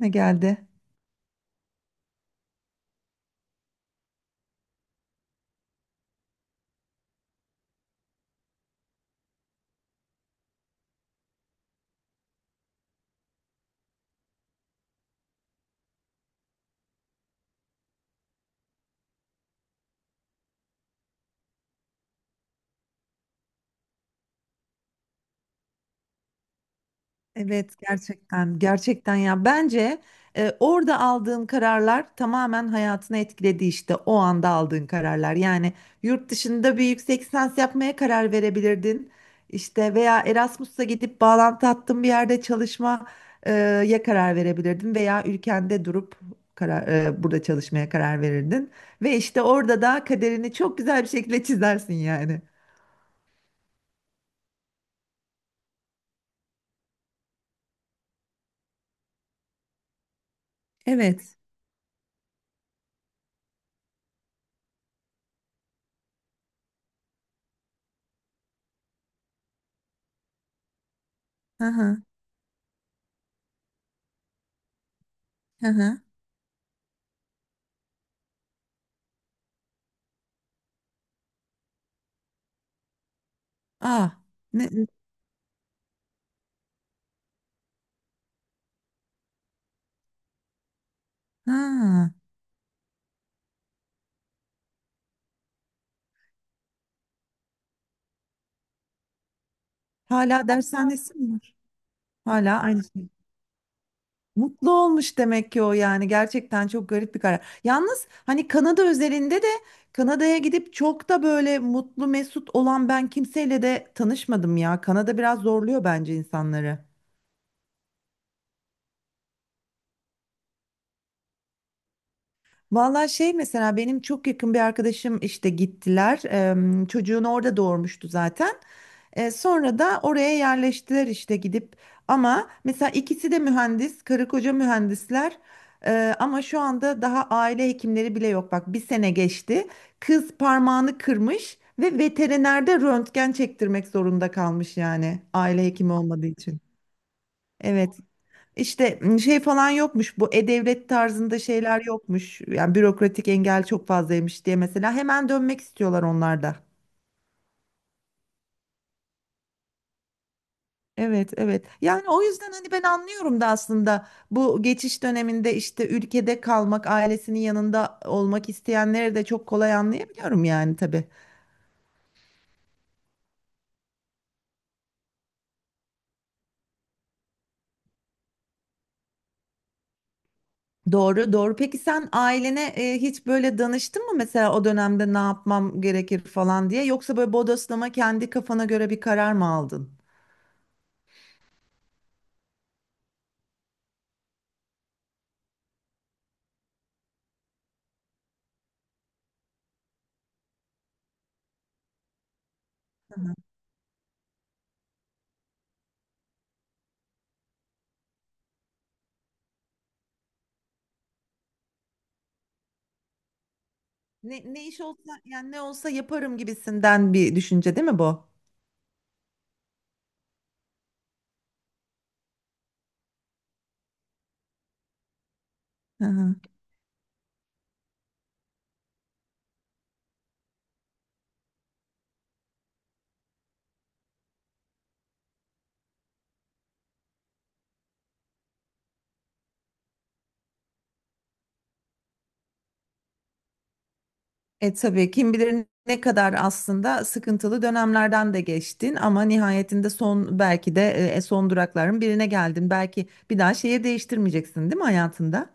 Ne geldi? Evet, gerçekten gerçekten ya bence, orada aldığın kararlar tamamen hayatını etkiledi işte o anda aldığın kararlar. Yani yurt dışında bir yüksek lisans yapmaya karar verebilirdin. İşte veya Erasmus'a gidip bağlantı hattın bir yerde çalışmaya karar verebilirdin veya ülkende durup burada çalışmaya karar verirdin. Ve işte orada da kaderini çok güzel bir şekilde çizersin yani. Evet. Hı hı. Hı hı. Ah. Ha, hala dershanesi mi var? Hala aynı şey. Mutlu olmuş demek ki o, yani gerçekten çok garip bir karar. Yalnız hani Kanada özelinde de Kanada'ya gidip çok da böyle mutlu mesut olan ben kimseyle de tanışmadım ya. Kanada biraz zorluyor bence insanları. Vallahi şey mesela benim çok yakın bir arkadaşım işte gittiler. Çocuğunu orada doğurmuştu zaten. Sonra da oraya yerleştiler işte gidip. Ama mesela ikisi de mühendis, karı koca mühendisler. Ama şu anda daha aile hekimleri bile yok. Bak bir sene geçti. Kız parmağını kırmış ve veterinerde röntgen çektirmek zorunda kalmış yani aile hekimi olmadığı için. Evet. İşte şey falan yokmuş, bu e-devlet tarzında şeyler yokmuş. Yani bürokratik engel çok fazlaymış diye mesela hemen dönmek istiyorlar onlar da. Evet, evet yani o yüzden hani ben anlıyorum da aslında bu geçiş döneminde işte ülkede kalmak, ailesinin yanında olmak isteyenleri de çok kolay anlayabiliyorum yani tabii. Doğru doğru, peki sen ailene hiç böyle danıştın mı mesela o dönemde ne yapmam gerekir falan diye, yoksa böyle bodoslama kendi kafana göre bir karar mı aldın? Ne, ne iş olsa yani, ne olsa yaparım gibisinden bir düşünce değil mi bu? Hı hı. E tabii kim bilir ne kadar aslında sıkıntılı dönemlerden de geçtin ama nihayetinde son belki de son durakların birine geldin. Belki bir daha şehir değiştirmeyeceksin değil mi hayatında?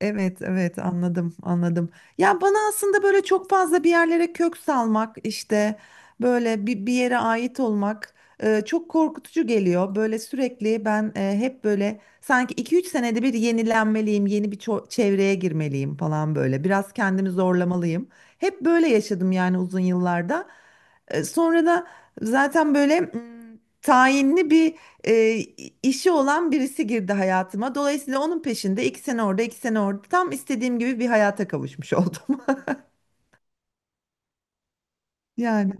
Evet, evet anladım, anladım. Ya bana aslında böyle çok fazla bir yerlere kök salmak, işte böyle bir yere ait olmak çok korkutucu geliyor. Böyle sürekli ben hep böyle sanki 2-3 senede bir yenilenmeliyim, yeni bir çevreye girmeliyim falan böyle. Biraz kendimi zorlamalıyım. Hep böyle yaşadım yani uzun yıllarda. Sonra da zaten böyle tayinli bir e, işi olan birisi girdi hayatıma. Dolayısıyla onun peşinde iki sene orada, iki sene orada tam istediğim gibi bir hayata kavuşmuş oldum. Yani.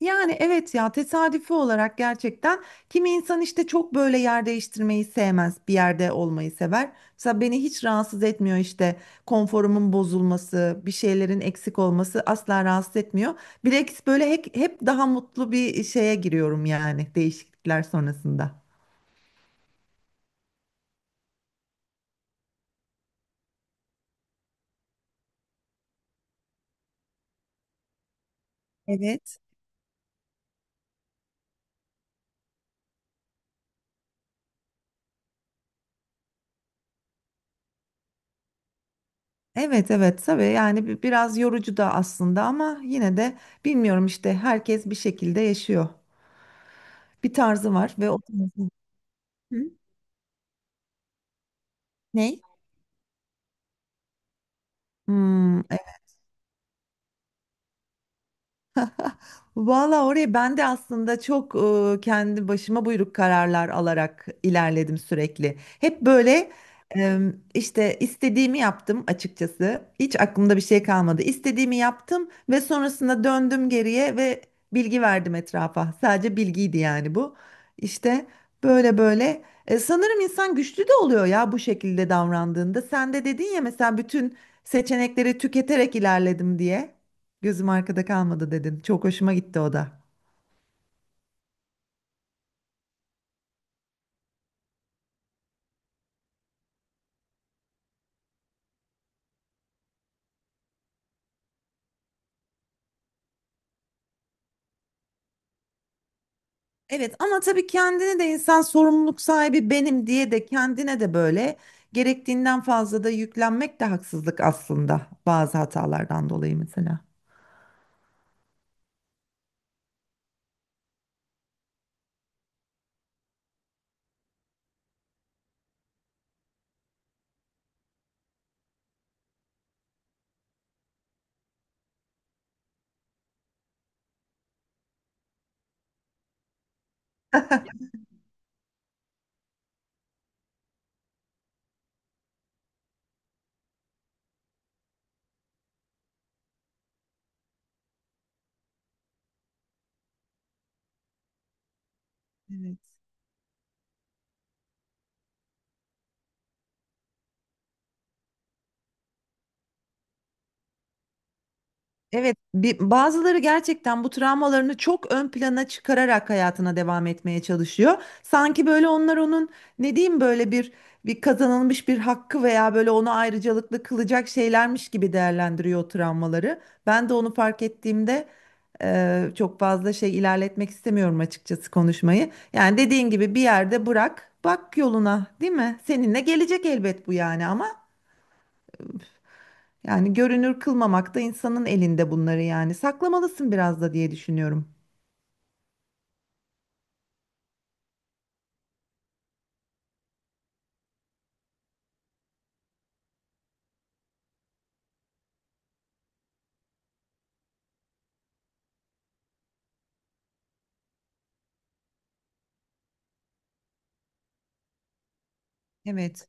Yani evet ya, tesadüfi olarak gerçekten kimi insan işte çok böyle yer değiştirmeyi sevmez, bir yerde olmayı sever. Mesela beni hiç rahatsız etmiyor, işte konforumun bozulması, bir şeylerin eksik olması asla rahatsız etmiyor. Bilakis böyle hep daha mutlu bir şeye giriyorum yani değişiklikler sonrasında. Evet. Evet evet tabii yani biraz yorucu da aslında ama yine de bilmiyorum işte, herkes bir şekilde yaşıyor. Bir tarzı var ve o tarzı... Hı? Ne? Hmm. Valla oraya ben de aslında çok kendi başıma buyruk kararlar alarak ilerledim sürekli. Hep böyle e, işte istediğimi yaptım açıkçası. Hiç aklımda bir şey kalmadı. İstediğimi yaptım ve sonrasında döndüm geriye ve bilgi verdim etrafa. Sadece bilgiydi yani bu. İşte böyle böyle. Sanırım insan güçlü de oluyor ya bu şekilde davrandığında. Sen de dedin ya mesela bütün seçenekleri tüketerek ilerledim diye. Gözüm arkada kalmadı dedin. Çok hoşuma gitti o da. Evet ama tabii kendini de insan sorumluluk sahibi benim diye de kendine de böyle gerektiğinden fazla da yüklenmek de haksızlık aslında bazı hatalardan dolayı mesela. Evet. Evet, bazıları gerçekten bu travmalarını çok ön plana çıkararak hayatına devam etmeye çalışıyor. Sanki böyle onlar onun, ne diyeyim, böyle bir bir kazanılmış bir hakkı veya böyle onu ayrıcalıklı kılacak şeylermiş gibi değerlendiriyor o travmaları. Ben de onu fark ettiğimde çok fazla şey ilerletmek istemiyorum açıkçası konuşmayı. Yani dediğin gibi bir yerde bırak, bak yoluna, değil mi? Seninle gelecek elbet bu yani ama. Yani görünür kılmamak da insanın elinde bunları yani. Saklamalısın biraz da diye düşünüyorum. Evet.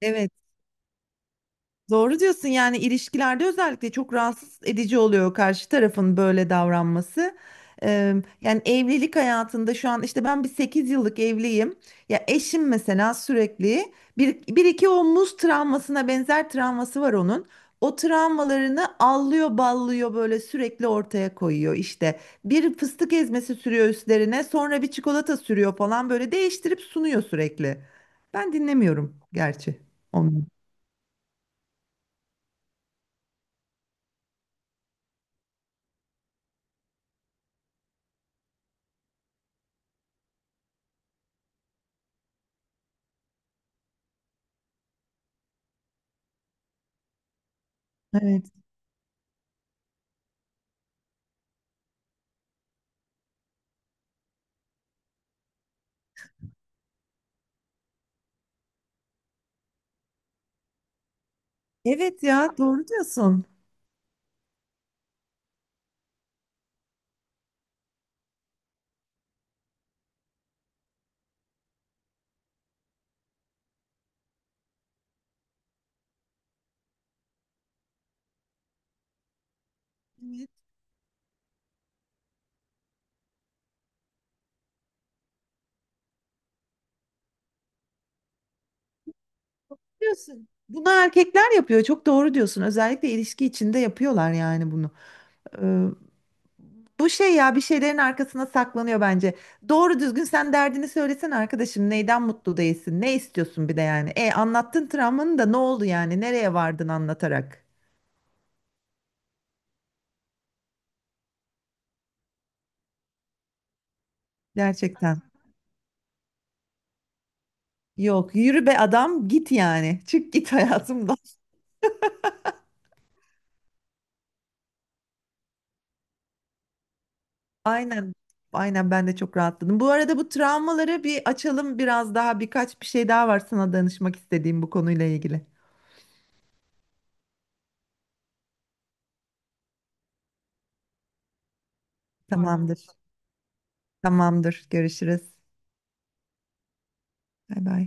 Evet. Doğru diyorsun yani ilişkilerde özellikle çok rahatsız edici oluyor karşı tarafın böyle davranması. Eee, Yani evlilik hayatında şu an işte ben bir 8 yıllık evliyim. Ya eşim mesela sürekli bir iki o muz travmasına benzer travması var onun. O travmalarını allıyor ballıyor böyle sürekli ortaya koyuyor işte. Bir fıstık ezmesi sürüyor üstlerine, sonra bir çikolata sürüyor falan, böyle değiştirip sunuyor sürekli. Ben dinlemiyorum gerçi onu. Evet. Evet ya, doğru diyorsun. Evet, diyorsun? Bunu erkekler yapıyor. Çok doğru diyorsun. Özellikle ilişki içinde yapıyorlar yani bunu. Ee, Bu şey ya, bir şeylerin arkasına saklanıyor bence. Doğru düzgün sen derdini söylesen arkadaşım, neyden mutlu değilsin? Ne istiyorsun bir de yani? E anlattın travmanı da, ne oldu yani? Nereye vardın anlatarak? Gerçekten. Yok yürü be adam git yani. Çık git hayatımdan. Aynen. Aynen ben de çok rahatladım. Bu arada bu travmaları bir açalım biraz daha, birkaç bir şey daha var sana danışmak istediğim bu konuyla ilgili. Tamam. Tamamdır. Tamamdır. Görüşürüz. Bay bay.